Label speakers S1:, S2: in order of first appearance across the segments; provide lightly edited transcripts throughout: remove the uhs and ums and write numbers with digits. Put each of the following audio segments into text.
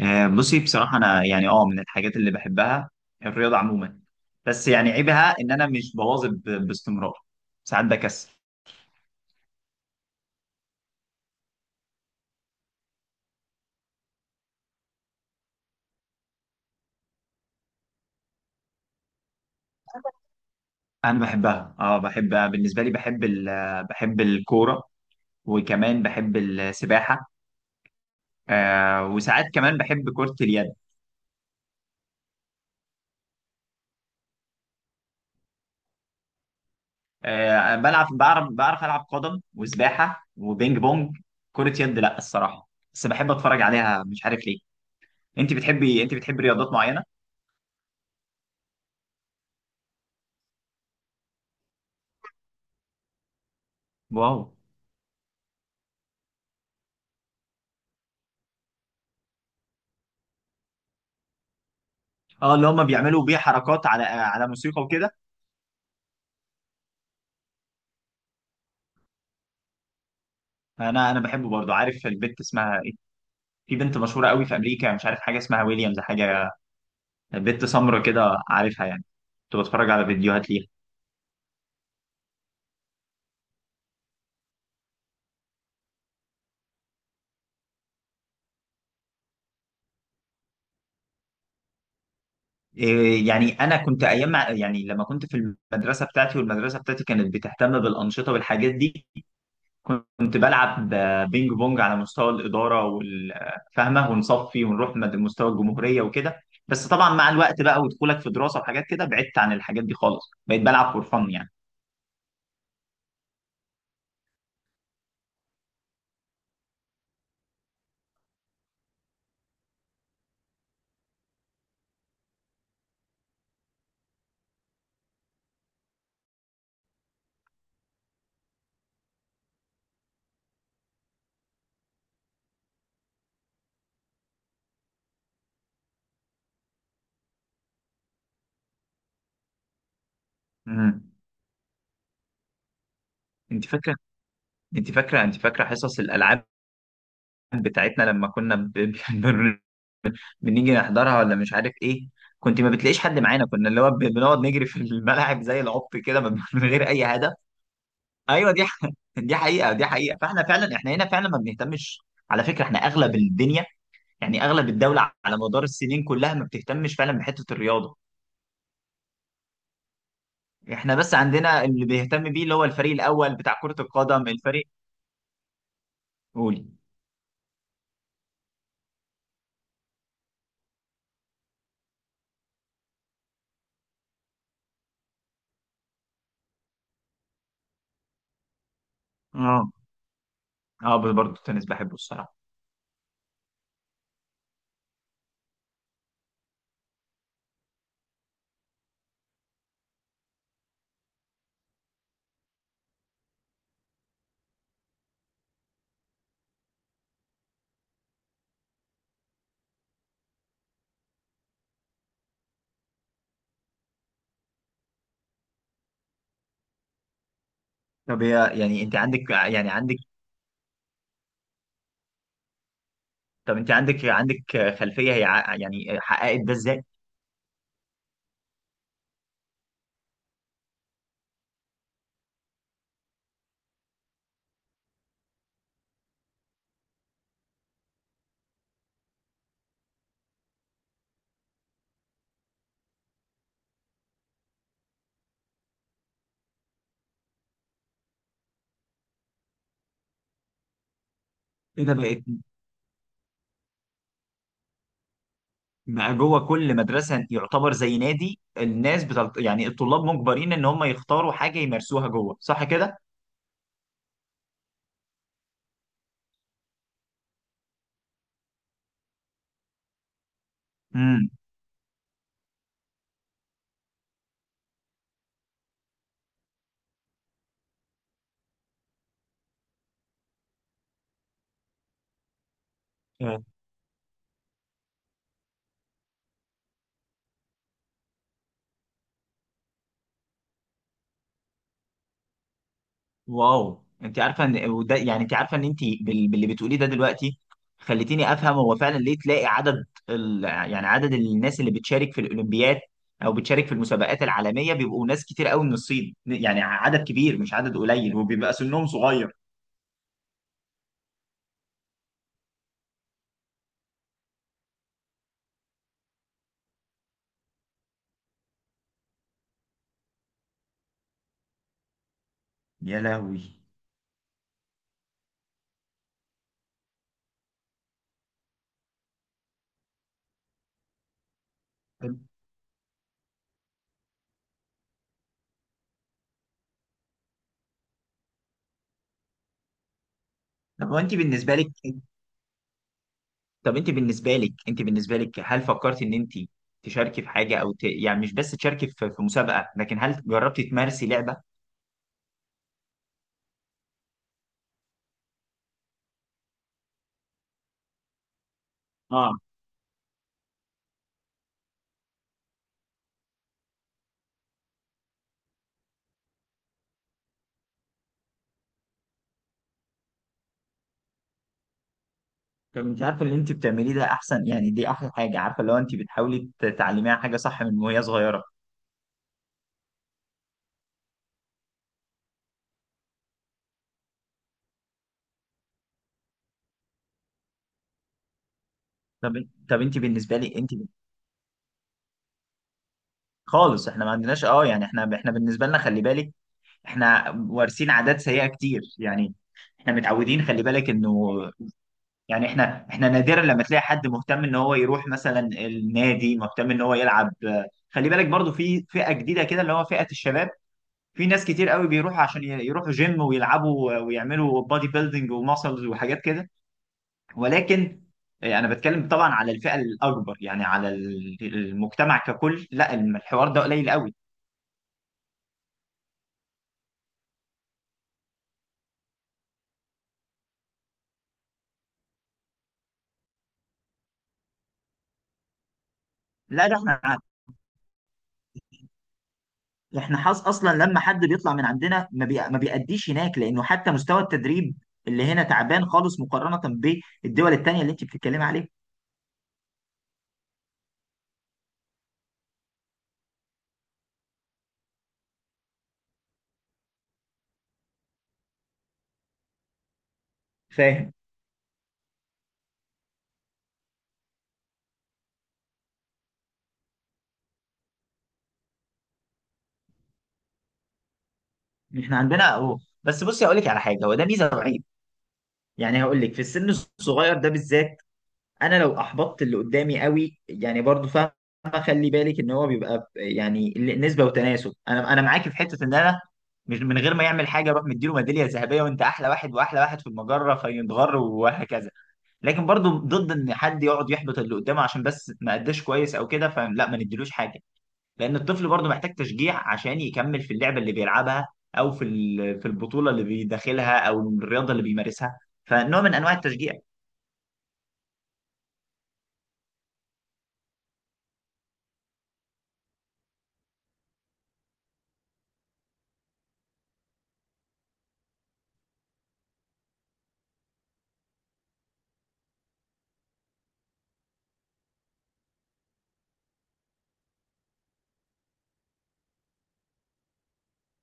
S1: آه، بصي بصراحة أنا يعني من الحاجات اللي بحبها، الرياضة عموما. بس يعني عيبها إن أنا مش بواظب باستمرار. ساعات بكسل. أنا بحبها. بحب، بالنسبة لي بحب بحب الكورة، وكمان بحب السباحة. وساعات كمان بحب كرة اليد. آه، بلعب، بعرف ألعب قدم وسباحة وبينج بونج. كرة يد لأ الصراحة. بس بحب أتفرج عليها، مش عارف ليه. أنت بتحبي رياضات معينة؟ واو. اه، اللي هم بيعملوا بيه حركات على موسيقى وكده. انا بحبه برضه، عارف البت اسمها ايه؟ في بنت مشهوره قوي في امريكا، مش عارف، حاجه اسمها ويليامز حاجه. بنت سمرا كده، عارفها يعني. كنت بتفرج على فيديوهات ليها. إيه يعني، انا كنت ايام يعني لما كنت في المدرسه بتاعتي، والمدرسه بتاعتي كانت بتهتم بالانشطه والحاجات دي. كنت بلعب بينج بونج على مستوى الإدارة والفهمة ونصفي، ونروح مستوى الجمهورية وكده. بس طبعا مع الوقت بقى، ودخولك في دراسة وحاجات كده، بعدت عن الحاجات دي خالص، بقيت بلعب فور فن يعني. امم انت فاكرة، انت فاكرة حصص الألعاب بتاعتنا لما كنا بن- بنيجي نحضرها، ولا مش عارف ايه؟ كنت ما بتلاقيش حد معانا، كنا اللي هو بنقعد نجري في الملاعب زي العبط كده، من من غير اي هدف. ايوه، دي حقيقه، دي حقيقه. فاحنا فعلا احنا هنا فعلا ما بنهتمش. على فكره احنا اغلب الدنيا، يعني اغلب الدوله، على مدار السنين كلها ما بتهتمش فعلا بحته الرياضه. احنا بس عندنا اللي بيهتم بيه، اللي هو الفريق الاول بتاع كره القدم، الفريق. قولي. اه، اه، برضه التنس بحبه الصراحه. طب هي يعني انت عندك، طب انت عندك خلفيه، هي يعني حققت ده ازاي؟ ايه ده بقت بقى جوه كل مدرسه، يعتبر زي نادي. الناس يعني الطلاب مجبرين ان هم يختاروا حاجه يمارسوها جوه، صح كده؟ امم، آه. واو، انت عارفه ان انت باللي بتقوليه ده دلوقتي، خليتيني افهم. هو فعلا ليه تلاقي يعني عدد الناس اللي بتشارك في الاولمبياد، او بتشارك في المسابقات العالميه، بيبقوا ناس كتير قوي من الصين، يعني عدد كبير مش عدد قليل، وبيبقى سنهم صغير. يا لهوي. طب هو انت بالنسبه لك طب انت بالنسبه لك هل فكرت ان انت تشاركي في حاجه، او يعني مش بس تشاركي في مسابقه، لكن هل جربتي تمارسي لعبه؟ اه. طب انت عارفه اللي انت بتعمليه ده احسن، يعني دي احلى حاجه، عارفه، لو انت بتحاولي تعلميها حاجه صح من وهي صغيره. طب، انت بالنسبه لي، انت خالص احنا ما عندناش، يعني احنا بالنسبه لنا خلي بالك، احنا وارثين عادات سيئه كتير يعني. احنا متعودين، خلي بالك انه يعني احنا نادرا لما تلاقي حد مهتم ان هو يروح مثلا النادي، مهتم ان هو يلعب. خلي بالك برضو في فئة جديدة كده، اللي هو فئة الشباب. في ناس كتير قوي بيروحوا عشان يروحوا جيم ويلعبوا ويعملوا بادي بيلدينج وماسلز وحاجات كده. ولكن انا بتكلم طبعا على الفئة الاكبر، يعني على المجتمع ككل، لا الحوار ده قليل قوي. لا، ده احنا، احنا حظ اصلا لما حد بيطلع من عندنا، ما بيأديش هناك، لانه حتى مستوى التدريب اللي هنا تعبان خالص، مقارنة بالدول التانية اللي انت بتتكلمي عليها. فاهم. احنا عندنا اهو، بس بصي هقول لك على حاجة، هو ده ميزة وعيب. يعني هقول لك في السن الصغير ده بالذات، انا لو احبطت اللي قدامي قوي يعني، برضو فاهم. خلي بالك ان هو بيبقى يعني نسبة وتناسب، انا معاكي في حتة ان انا مش من غير ما يعمل حاجة اروح مديله ميدالية ذهبية، وانت احلى واحد واحلى واحد في المجرة، فينضغر وهكذا. لكن برضو ضد ان حد يقعد يحبط اللي قدامه، عشان بس ما قداش كويس او كده، فلا ما نديلوش حاجه. لان الطفل برضو محتاج تشجيع عشان يكمل في اللعبه اللي بيلعبها، او في في البطوله اللي بيداخلها، او الرياضه اللي بيمارسها. فنوع من انواع التشجيع.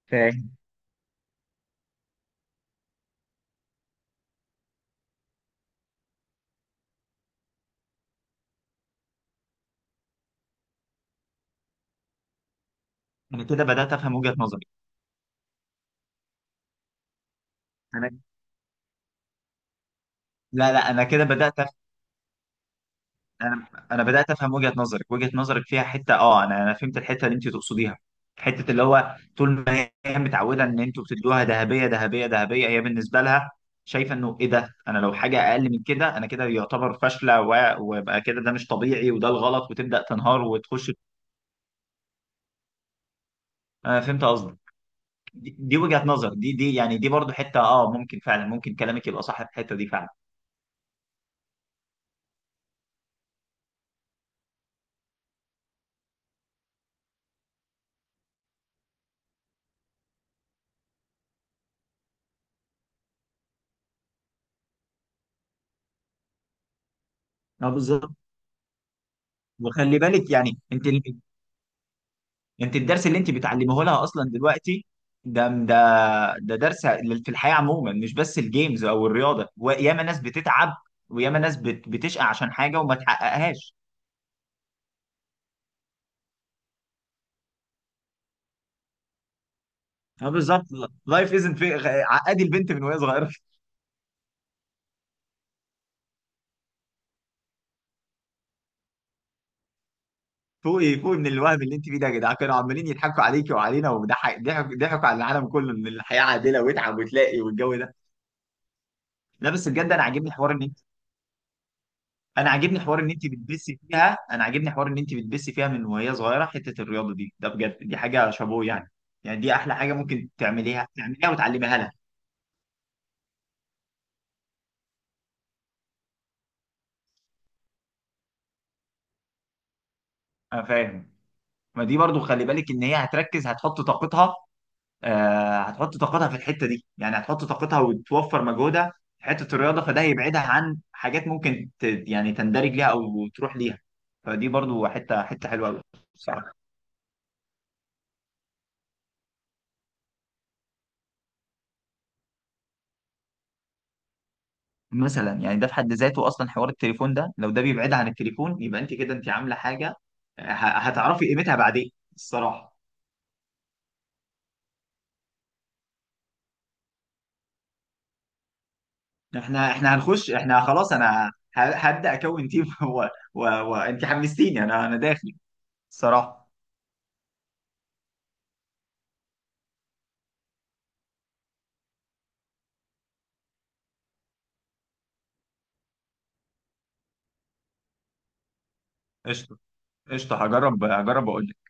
S1: فاهم. انا كده بدات افهم وجهه نظري انا. لا، لا، انا كده بدات، انا بدات افهم وجهه نظرك فيها حته، انا فهمت الحته اللي انت تقصديها. حته اللي هو طول ما هي متعوده ان انتوا بتدوها ذهبيه ذهبيه ذهبيه، هي بالنسبه لها شايفه انه ايه ده؟ انا لو حاجه اقل من كده، انا كده يعتبر فاشله ويبقى كده، ده مش طبيعي، وده الغلط، وتبدا تنهار وتخش. انا فهمت قصدك. دي وجهه نظر، دي يعني، دي برضو حته، ممكن فعلا، ممكن كلامك يبقى صح في الحته دي فعلا. اه بالظبط. وخلي بالك يعني انت، انت الدرس اللي انت بتعلمه لها اصلا دلوقتي، ده، درس في الحياه عموما، مش بس الجيمز او الرياضه. وياما ناس بتتعب، وياما ناس بتشقى عشان حاجه وما تحققهاش. اه بالظبط. لايف ازنت في عقدي البنت من وهي صغيره. فوقي فوقي من الوهم اللي انت فيه ده يا جدعان، كانوا عمالين يضحكوا عليكي وعلينا، ضحكوا ضحكوا على العالم كله ان الحياه عادله، واتعب وتلاقي، والجو ده. لا، بس بجد انا عاجبني حوار ان انت، انا عاجبني حوار ان انت بتبسي فيها، انا عاجبني حوار ان انت بتبسي فيها من وهي صغيره حته الرياضه دي، ده بجد دي حاجه شابوه يعني. يعني دي احلى حاجه ممكن تعمليها، وتعلميها لها. انا فاهم. ما دي برضو خلي بالك ان هي هتركز، هتحط طاقتها، هتحط طاقتها في الحته دي، يعني هتحط طاقتها وتوفر مجهودها في حته الرياضه، فده هيبعدها عن حاجات ممكن يعني تندرج ليها او تروح ليها. فدي برضو حته حلوه قوي. بصراحه، مثلا يعني ده في حد ذاته اصلا حوار التليفون ده، لو ده بيبعدها عن التليفون، يبقى انت كده انت عامله حاجه. هتعرفي قيمتها بعدين، الصراحه. احنا هنخش، احنا خلاص، انا هبدا اكون تيم و... وانت حمستيني، انا داخل الصراحه. قشطه، قشطه، هجرب، اقول لك.